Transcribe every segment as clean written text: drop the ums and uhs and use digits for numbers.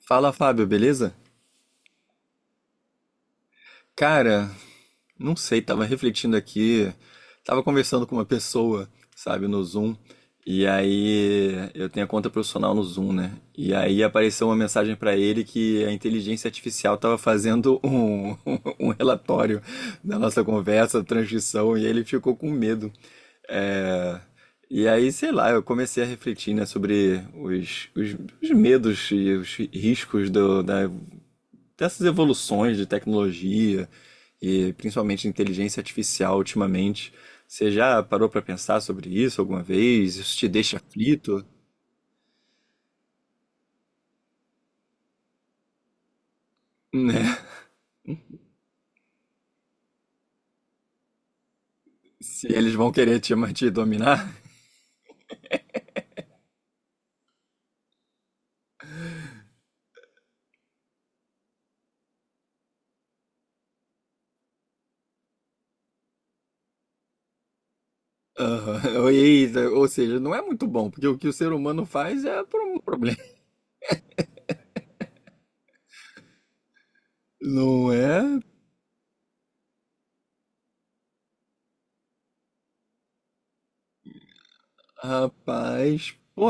Fala, Fábio, beleza? Cara, não sei, tava refletindo aqui, tava conversando com uma pessoa, sabe, no Zoom, e aí eu tenho a conta profissional no Zoom, né? E aí apareceu uma mensagem pra ele que a inteligência artificial tava fazendo um, um relatório da nossa conversa, transcrição, e ele ficou com medo. É. E aí, sei lá, eu comecei a refletir, né, sobre os medos e os riscos do, da dessas evoluções de tecnologia e principalmente de inteligência artificial ultimamente. Você já parou para pensar sobre isso alguma vez? Isso te deixa aflito, né? Se eles vão querer te dominar? Aham. Ou seja, não é muito bom, porque o que o ser humano faz é por um problema. Não é? Rapaz, pô,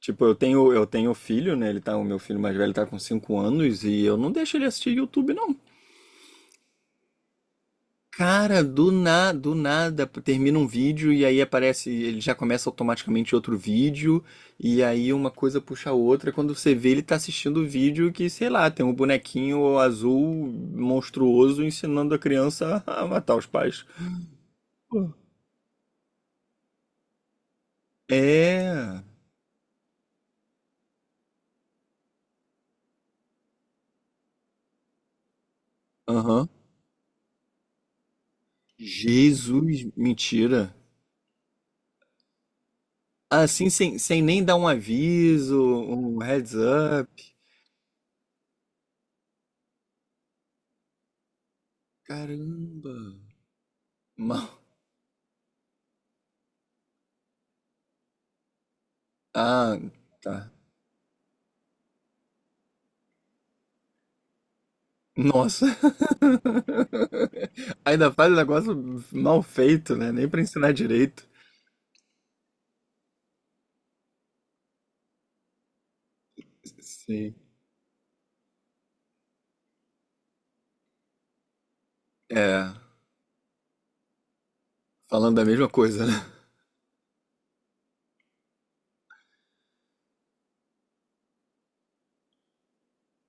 tipo, eu tenho filho, né? O meu filho mais velho tá com 5 anos e eu não deixo ele assistir YouTube, não. Cara, do nada termina um vídeo e aí aparece, ele já começa automaticamente outro vídeo, e aí uma coisa puxa a outra. Quando você vê, ele tá assistindo o vídeo que, sei lá, tem um bonequinho azul monstruoso ensinando a criança a matar os pais. É. Aham. Jesus, mentira. Assim, sem nem dar um aviso, um heads up. Caramba. Mal. Ah, tá. Nossa! Ainda faz um negócio mal feito, né? Nem pra ensinar direito. Sim. É, falando da mesma coisa, né?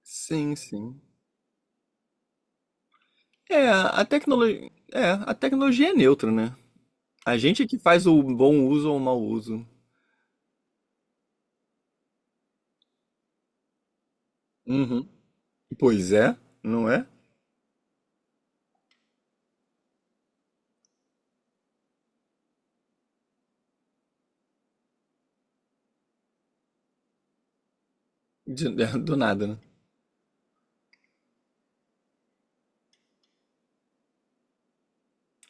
Sim, sim. É, a tecnologia, é, a tecnologia é neutra, né? A gente é que faz o bom uso ou o mau uso. Uhum. Pois é, não é? De- do nada, né?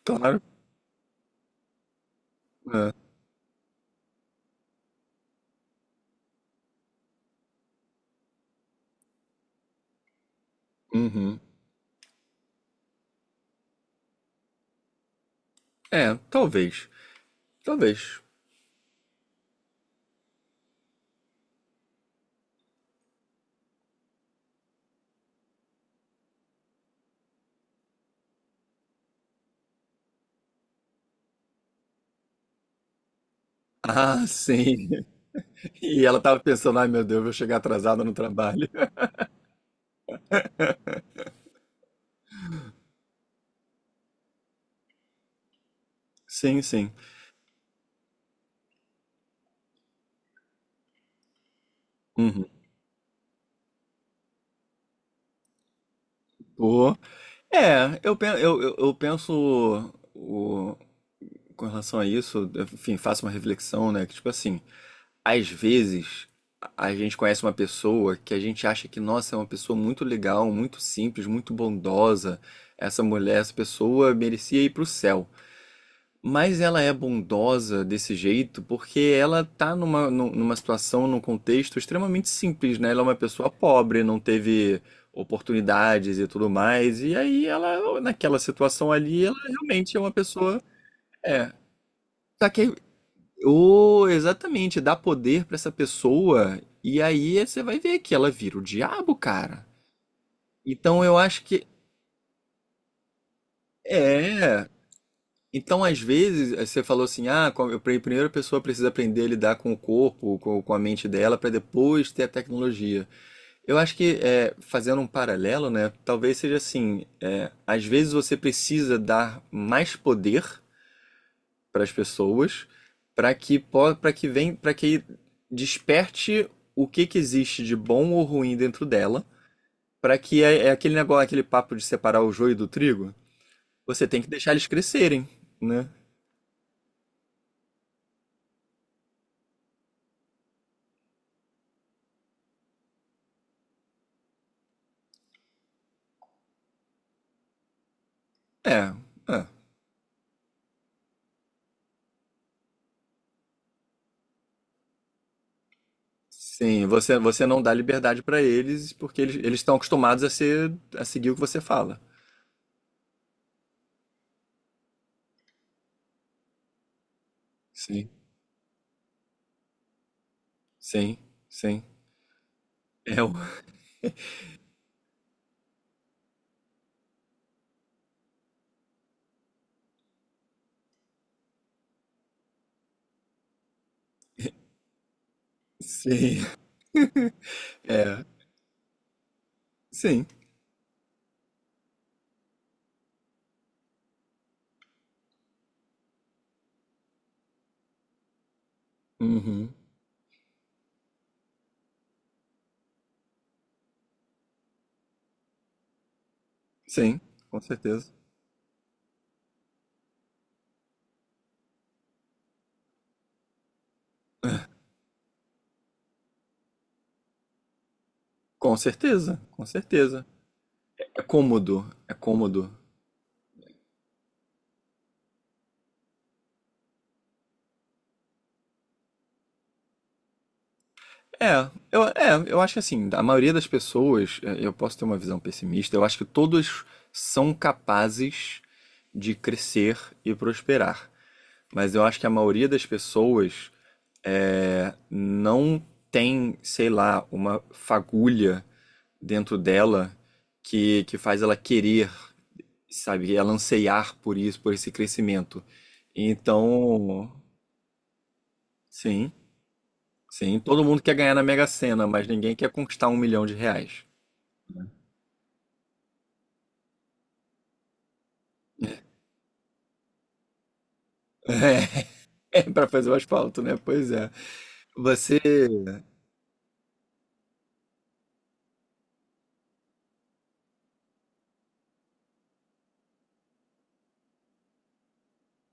Claro. É. Uhum. É, talvez. Talvez. Ah, sim. E ela tava pensando, ai meu Deus, eu vou chegar atrasada no trabalho. Sim, sim. Uhum. O- É, eu penso o, com relação a isso, enfim, faço uma reflexão, né? Que tipo assim, às vezes a gente conhece uma pessoa que a gente acha que, nossa, é uma pessoa muito legal, muito simples, muito bondosa. Essa mulher, essa pessoa merecia ir pro céu. Mas ela é bondosa desse jeito porque ela tá numa situação, num contexto extremamente simples, né? Ela é uma pessoa pobre, não teve oportunidades e tudo mais. E aí ela, naquela situação ali, ela realmente é uma pessoa. É. Tá que. Oh, exatamente, dá poder pra essa pessoa. E aí você vai ver que ela vira o diabo, cara. Então eu acho que. É. Então, às vezes, você falou assim, ah, com- eu- pri- primeiro a primeira pessoa precisa aprender a lidar com o corpo, com a mente dela, para depois ter a tecnologia. Eu acho que, fazendo um paralelo, né, talvez seja assim, às vezes você precisa dar mais poder para as pessoas, para que desperte o que que existe de bom ou ruim dentro dela, para que é aquele negócio, aquele papo de separar o joio do trigo. Você tem que deixar eles crescerem, né? É, é. Sim, você não dá liberdade para eles porque eles estão acostumados a seguir o que você fala. Sim, sim, sim. É o... Sim, é. Sim. Uhum. Sim, com certeza. Com certeza, com certeza. É cômodo, é cômodo. É, eu acho que assim, a maioria das pessoas, eu posso ter uma visão pessimista, eu acho que todos são capazes de crescer e prosperar. Mas eu acho que a maioria das pessoas não tem, sei lá, uma fagulha dentro dela que faz ela querer, sabe, ela anseiar por isso, por esse crescimento. Então, sim, sim, todo mundo quer ganhar na Mega Sena, mas ninguém quer conquistar 1 milhão de reais. É, para fazer o asfalto, né? Pois é. Você.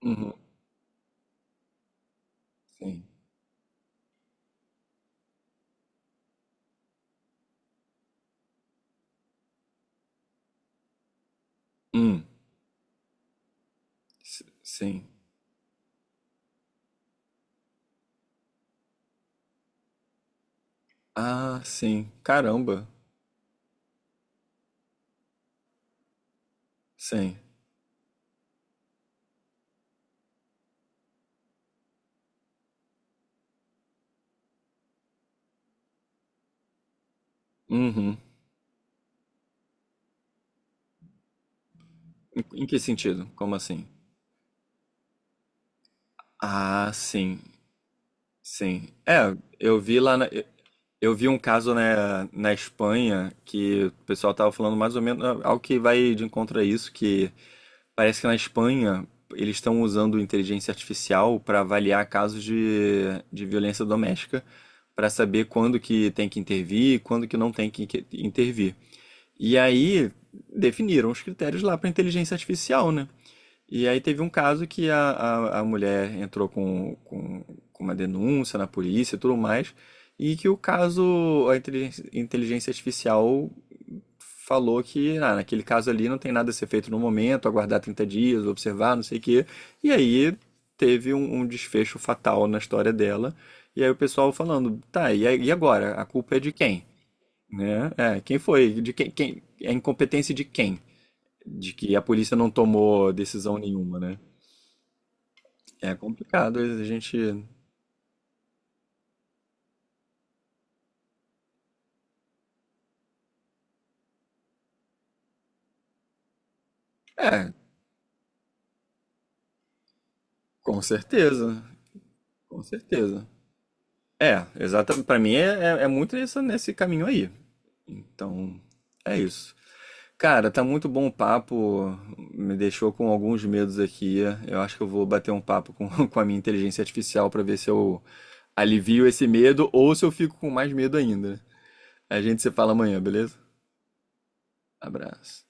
Uhum, sim. Hum, s- sim. Ah, sim. Caramba. Sim. Uhum. Em que sentido? Como assim? Ah, sim, sim. É, eu vi um caso na Espanha que o pessoal tava falando mais ou menos algo que vai de encontro a isso, que parece que na Espanha eles estão usando inteligência artificial para avaliar casos de violência doméstica, para saber quando que tem que intervir e quando que não tem que intervir. E aí definiram os critérios lá para inteligência artificial, né? E aí teve um caso que a mulher entrou com uma denúncia na polícia e tudo mais, e que o caso, a inteligência artificial falou que ah, naquele caso ali não tem nada a ser feito no momento, aguardar 30 dias, observar, não sei o quê. E aí teve um desfecho fatal na história dela. E aí o pessoal falando, tá, e agora? A culpa é de quem? Né? É, quem foi? De quem? É a incompetência de quem? De que a polícia não tomou decisão nenhuma, né? É complicado, a gente. É, com certeza, com certeza. É, exatamente. Pra mim é muito nesse caminho aí. Então, é isso. Cara, tá muito bom o papo, me deixou com alguns medos aqui. Eu acho que eu vou bater um papo com, com a minha inteligência artificial pra ver se eu alivio esse medo ou se eu fico com mais medo ainda. A gente se fala amanhã, beleza? Abraço.